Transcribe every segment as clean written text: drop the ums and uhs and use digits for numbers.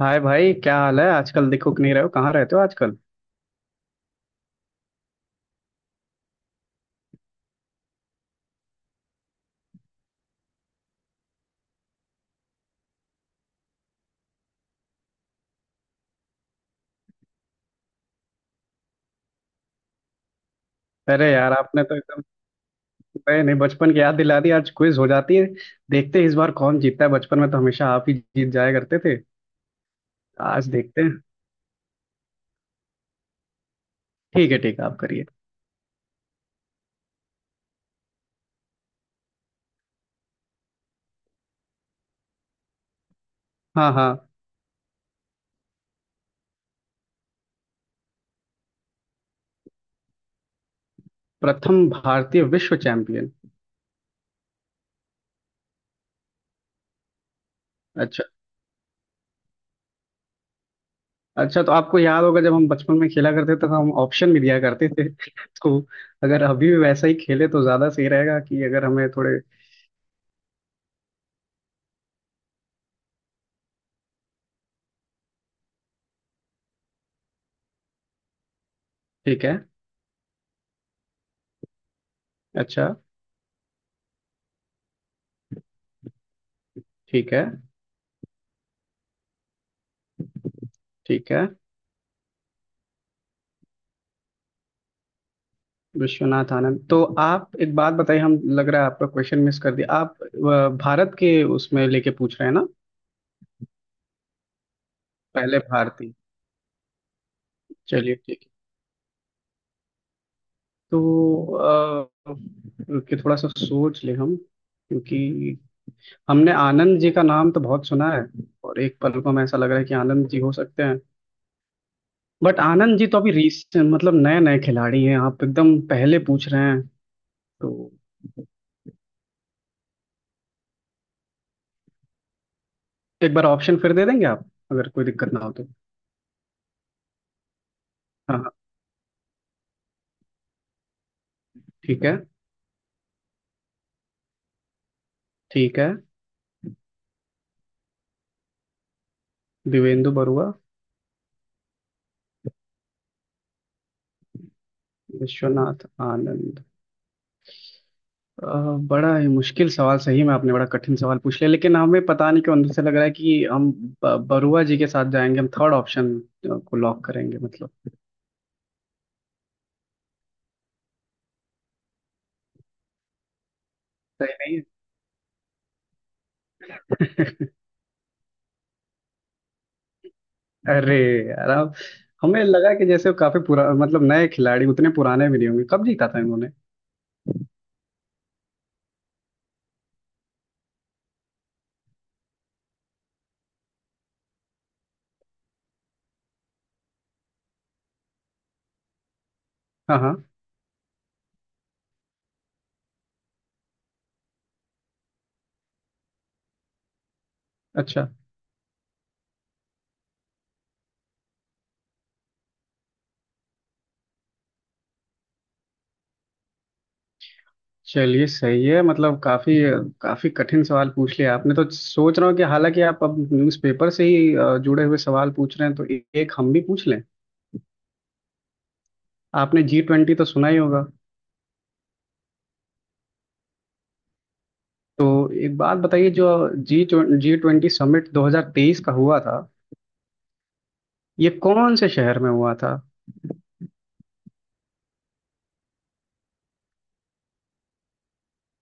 हाय भाई, क्या हाल है? आजकल दिखुक नहीं रहे हो, कहाँ रहते हो आजकल? अरे यार, आपने तो एकदम, नहीं नहीं, बचपन की याद दिला दी। आज क्विज हो जाती है। देखते हैं इस बार कौन जीतता है। बचपन में तो हमेशा आप ही जीत जाया करते थे। आज देखते हैं। ठीक है ठीक है, आप करिए। हाँ हाँ। प्रथम भारतीय विश्व चैंपियन। अच्छा। अच्छा, तो आपको याद होगा जब हम बचपन में खेला करते थे तो हम ऑप्शन भी दिया करते थे तो अगर अभी भी वैसा ही खेले तो ज्यादा सही रहेगा, कि अगर हमें थोड़े। ठीक है। अच्छा। ठीक है ठीक है। विश्वनाथ आनंद। तो आप एक बात बताइए, हम लग रहा है आपका क्वेश्चन मिस कर दिया। आप भारत के उसमें लेके पूछ रहे हैं ना? पहले भारतीय। चलिए ठीक है। तो कि थोड़ा सा सोच ले हम, क्योंकि हमने आनंद जी का नाम तो बहुत सुना है और एक पल को हमें ऐसा लग रहा है कि आनंद जी हो सकते हैं। बट आनंद जी तो अभी रिसेंट मतलब नए नए खिलाड़ी हैं, आप एकदम पहले पूछ रहे हैं। तो एक बार ऑप्शन फिर दे देंगे आप, अगर कोई दिक्कत ना हो तो। हाँ हाँ, ठीक है ठीक है। दिवेंदु बरुआ। विश्वनाथ आनंद। बड़ा ही मुश्किल सवाल, सही में आपने बड़ा कठिन सवाल पूछ लिया। लेकिन हमें पता नहीं क्यों अंदर से लग रहा है कि हम बरुआ जी के साथ जाएंगे। हम थर्ड ऑप्शन को लॉक करेंगे मतलब। सही नहीं है अरे यार, अब हमें लगा कि जैसे वो काफी पुरा मतलब नए खिलाड़ी उतने पुराने भी नहीं होंगे। कब जीता था इन्होंने? हाँ हाँ। अच्छा। चलिए सही है, मतलब काफी काफी कठिन सवाल पूछ लिया आपने। तो सोच रहा हूँ कि हालांकि आप अब न्यूज़पेपर से ही जुड़े हुए सवाल पूछ रहे हैं, तो एक हम भी पूछ लें। आपने जी ट्वेंटी तो सुना ही होगा। तो एक बात बताइए, जो जी जी ट्वेंटी समिट 2023 का हुआ था, ये कौन से शहर में हुआ था?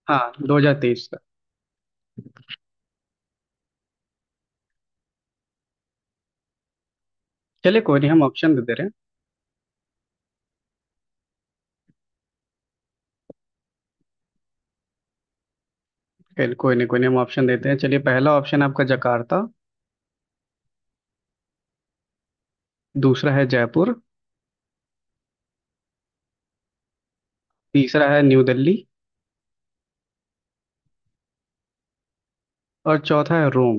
हाँ 2023 का। चलिए कोई नहीं, हम ऑप्शन दे दे रहे हैं। चलिए, कोई नहीं कोई नहीं, हम ऑप्शन देते हैं। चलिए, पहला ऑप्शन आपका जकार्ता। दूसरा है जयपुर। तीसरा है न्यू दिल्ली। और चौथा है रोम।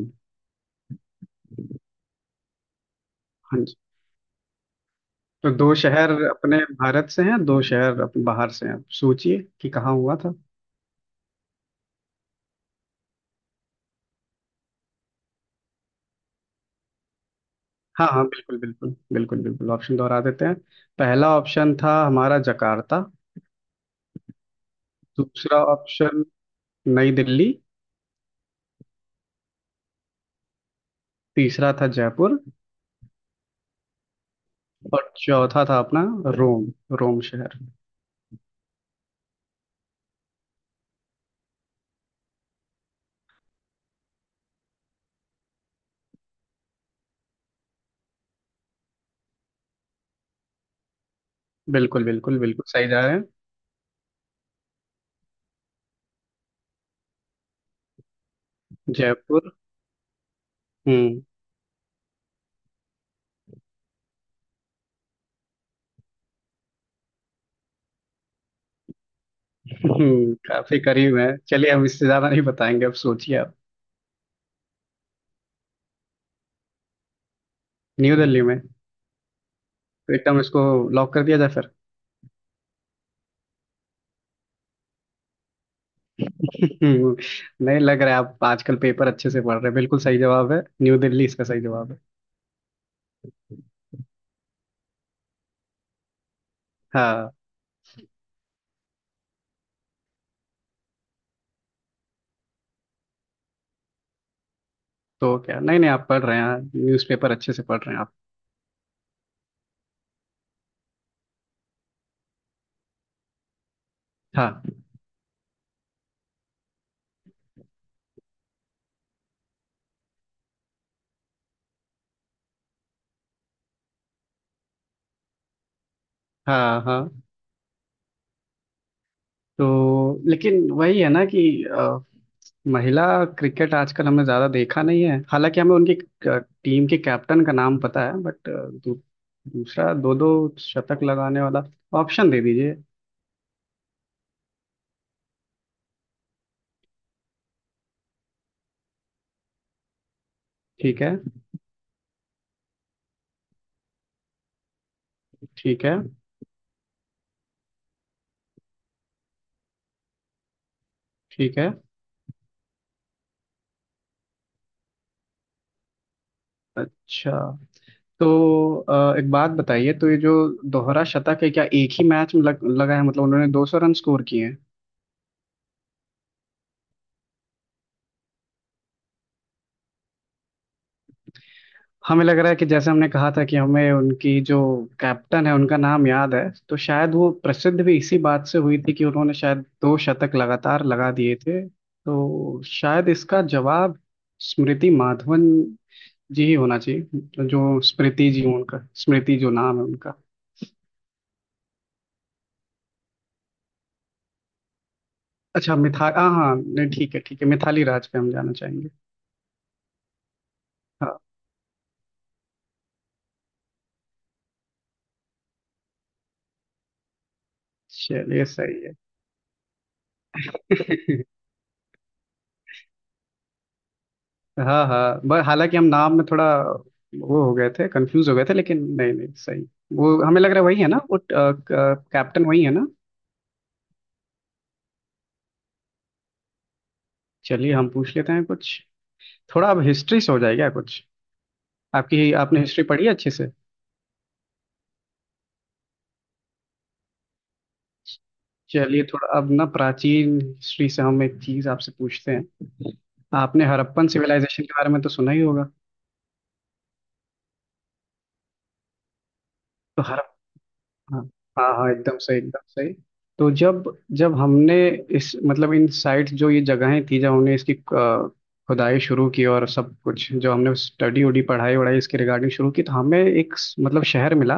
तो दो शहर अपने भारत से हैं, दो शहर अपने बाहर से हैं। अब सोचिए कि कहाँ हुआ था। हाँ हाँ, बिल्कुल बिल्कुल बिल्कुल बिल्कुल, ऑप्शन दोहरा देते हैं। पहला ऑप्शन था हमारा जकार्ता। दूसरा ऑप्शन नई दिल्ली। तीसरा था जयपुर। और चौथा था अपना रोम। रोम शहर। बिल्कुल बिल्कुल बिल्कुल सही जा रहे हैं। जयपुर। हम्म। काफी करीब है। चलिए हम इससे ज्यादा नहीं बताएंगे, अब सोचिए आप। न्यू दिल्ली में। तो एकदम इसको लॉक कर दिया जाए फिर। हम्म, नहीं लग रहा है आप आजकल पेपर अच्छे से पढ़ रहे हैं। बिल्कुल सही जवाब है न्यू दिल्ली, इसका सही जवाब है। हाँ। तो क्या, नहीं नहीं, आप पढ़ रहे हैं, न्यूज़पेपर अच्छे से पढ़ रहे हैं आप। हाँ हाँ। हाँ तो लेकिन वही है ना कि महिला क्रिकेट आजकल हमने ज़्यादा देखा नहीं है। हालांकि हमें उनकी अ, टीम के कैप्टन का नाम पता है। बट दूसरा दो दो शतक लगाने वाला ऑप्शन दे दीजिए। ठीक है ठीक है ठीक है। अच्छा। तो एक बात बताइए, तो ये जो दोहरा शतक है, क्या एक ही मैच में लगा है, मतलब उन्होंने 200 रन स्कोर किए हैं? हमें लग रहा है कि जैसे हमने कहा था कि हमें उनकी जो कैप्टन है उनका नाम याद है, तो शायद वो प्रसिद्ध भी इसी बात से हुई थी कि उन्होंने शायद दो शतक लगातार लगा दिए थे। तो शायद इसका जवाब स्मृति माधवन जी ही होना चाहिए। जो स्मृति जी, उनका स्मृति जो नाम है उनका। अच्छा मिथा हाँ हाँ, नहीं ठीक है ठीक है, मिथाली राज पे हम जाना चाहेंगे। हाँ। चलिए सही है। हाँ हाँ, हालांकि हम नाम में थोड़ा वो हो गए थे, कंफ्यूज हो गए थे। लेकिन नहीं नहीं सही। वो हमें लग रहा है वही है ना, वो कैप्टन वही है ना? चलिए हम पूछ लेते हैं कुछ। थोड़ा अब हिस्ट्री से हो जाएगा कुछ। आपकी आपने हिस्ट्री पढ़ी है अच्छे से। चलिए थोड़ा अब ना प्राचीन हिस्ट्री से हम एक चीज आपसे पूछते हैं। आपने हड़प्पन सिविलाइजेशन के बारे में तो सुना ही होगा। तो हाँ हाँ हाँ, एकदम सही एकदम सही। तो जब जब हमने इस मतलब इन साइट्स, जो ये जगहें थी, जब हमने इसकी खुदाई शुरू की और सब कुछ जो हमने स्टडी उडी पढ़ाई वढ़ाई इसके रिगार्डिंग शुरू की, तो हमें एक मतलब शहर मिला,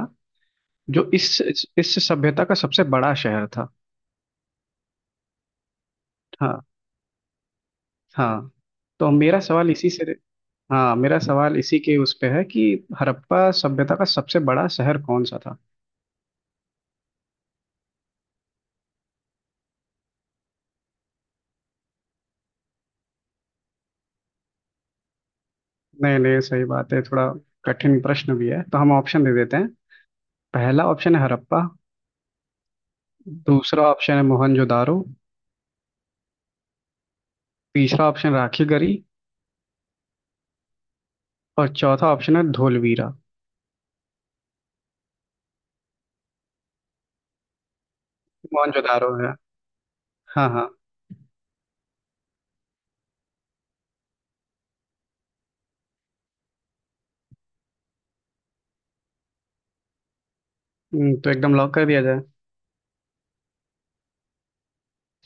जो इस सभ्यता का सबसे बड़ा शहर था। हाँ हाँ। तो मेरा सवाल इसी से। हाँ मेरा सवाल इसी के उस पे है कि हड़प्पा सभ्यता का सबसे बड़ा शहर कौन सा था? नहीं नहीं सही बात है, थोड़ा कठिन प्रश्न भी है तो हम ऑप्शन दे देते हैं। पहला ऑप्शन है हड़प्पा। दूसरा ऑप्शन है मोहनजोदारो। तीसरा ऑप्शन राखीगढ़ी। और चौथा ऑप्शन है धोलवीरा। मोहनजोदारो है। हाँ हाँ। तो एकदम लॉक कर दिया जाए।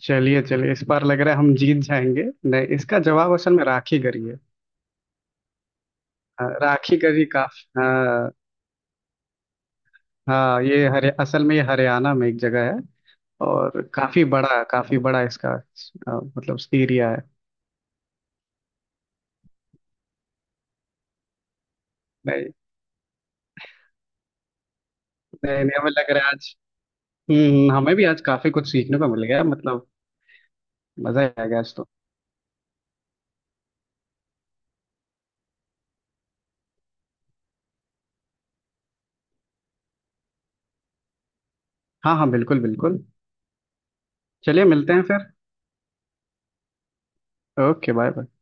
चलिए चलिए, इस बार लग रहा है हम जीत जाएंगे। नहीं, इसका जवाब असल में राखीगढ़ी है। हाँ, राखीगढ़ी का। हाँ हाँ। ये हरे असल में ये हरियाणा में एक जगह है। और काफी बड़ा इसका मतलब एरिया है। नहीं नहीं नहीं, हमें लग रहा है आज। हमें भी आज काफी कुछ सीखने को मिल गया मतलब। मजा आ गया आज तो। हाँ हाँ बिल्कुल बिल्कुल। चलिए मिलते हैं फिर। Okay bye bye.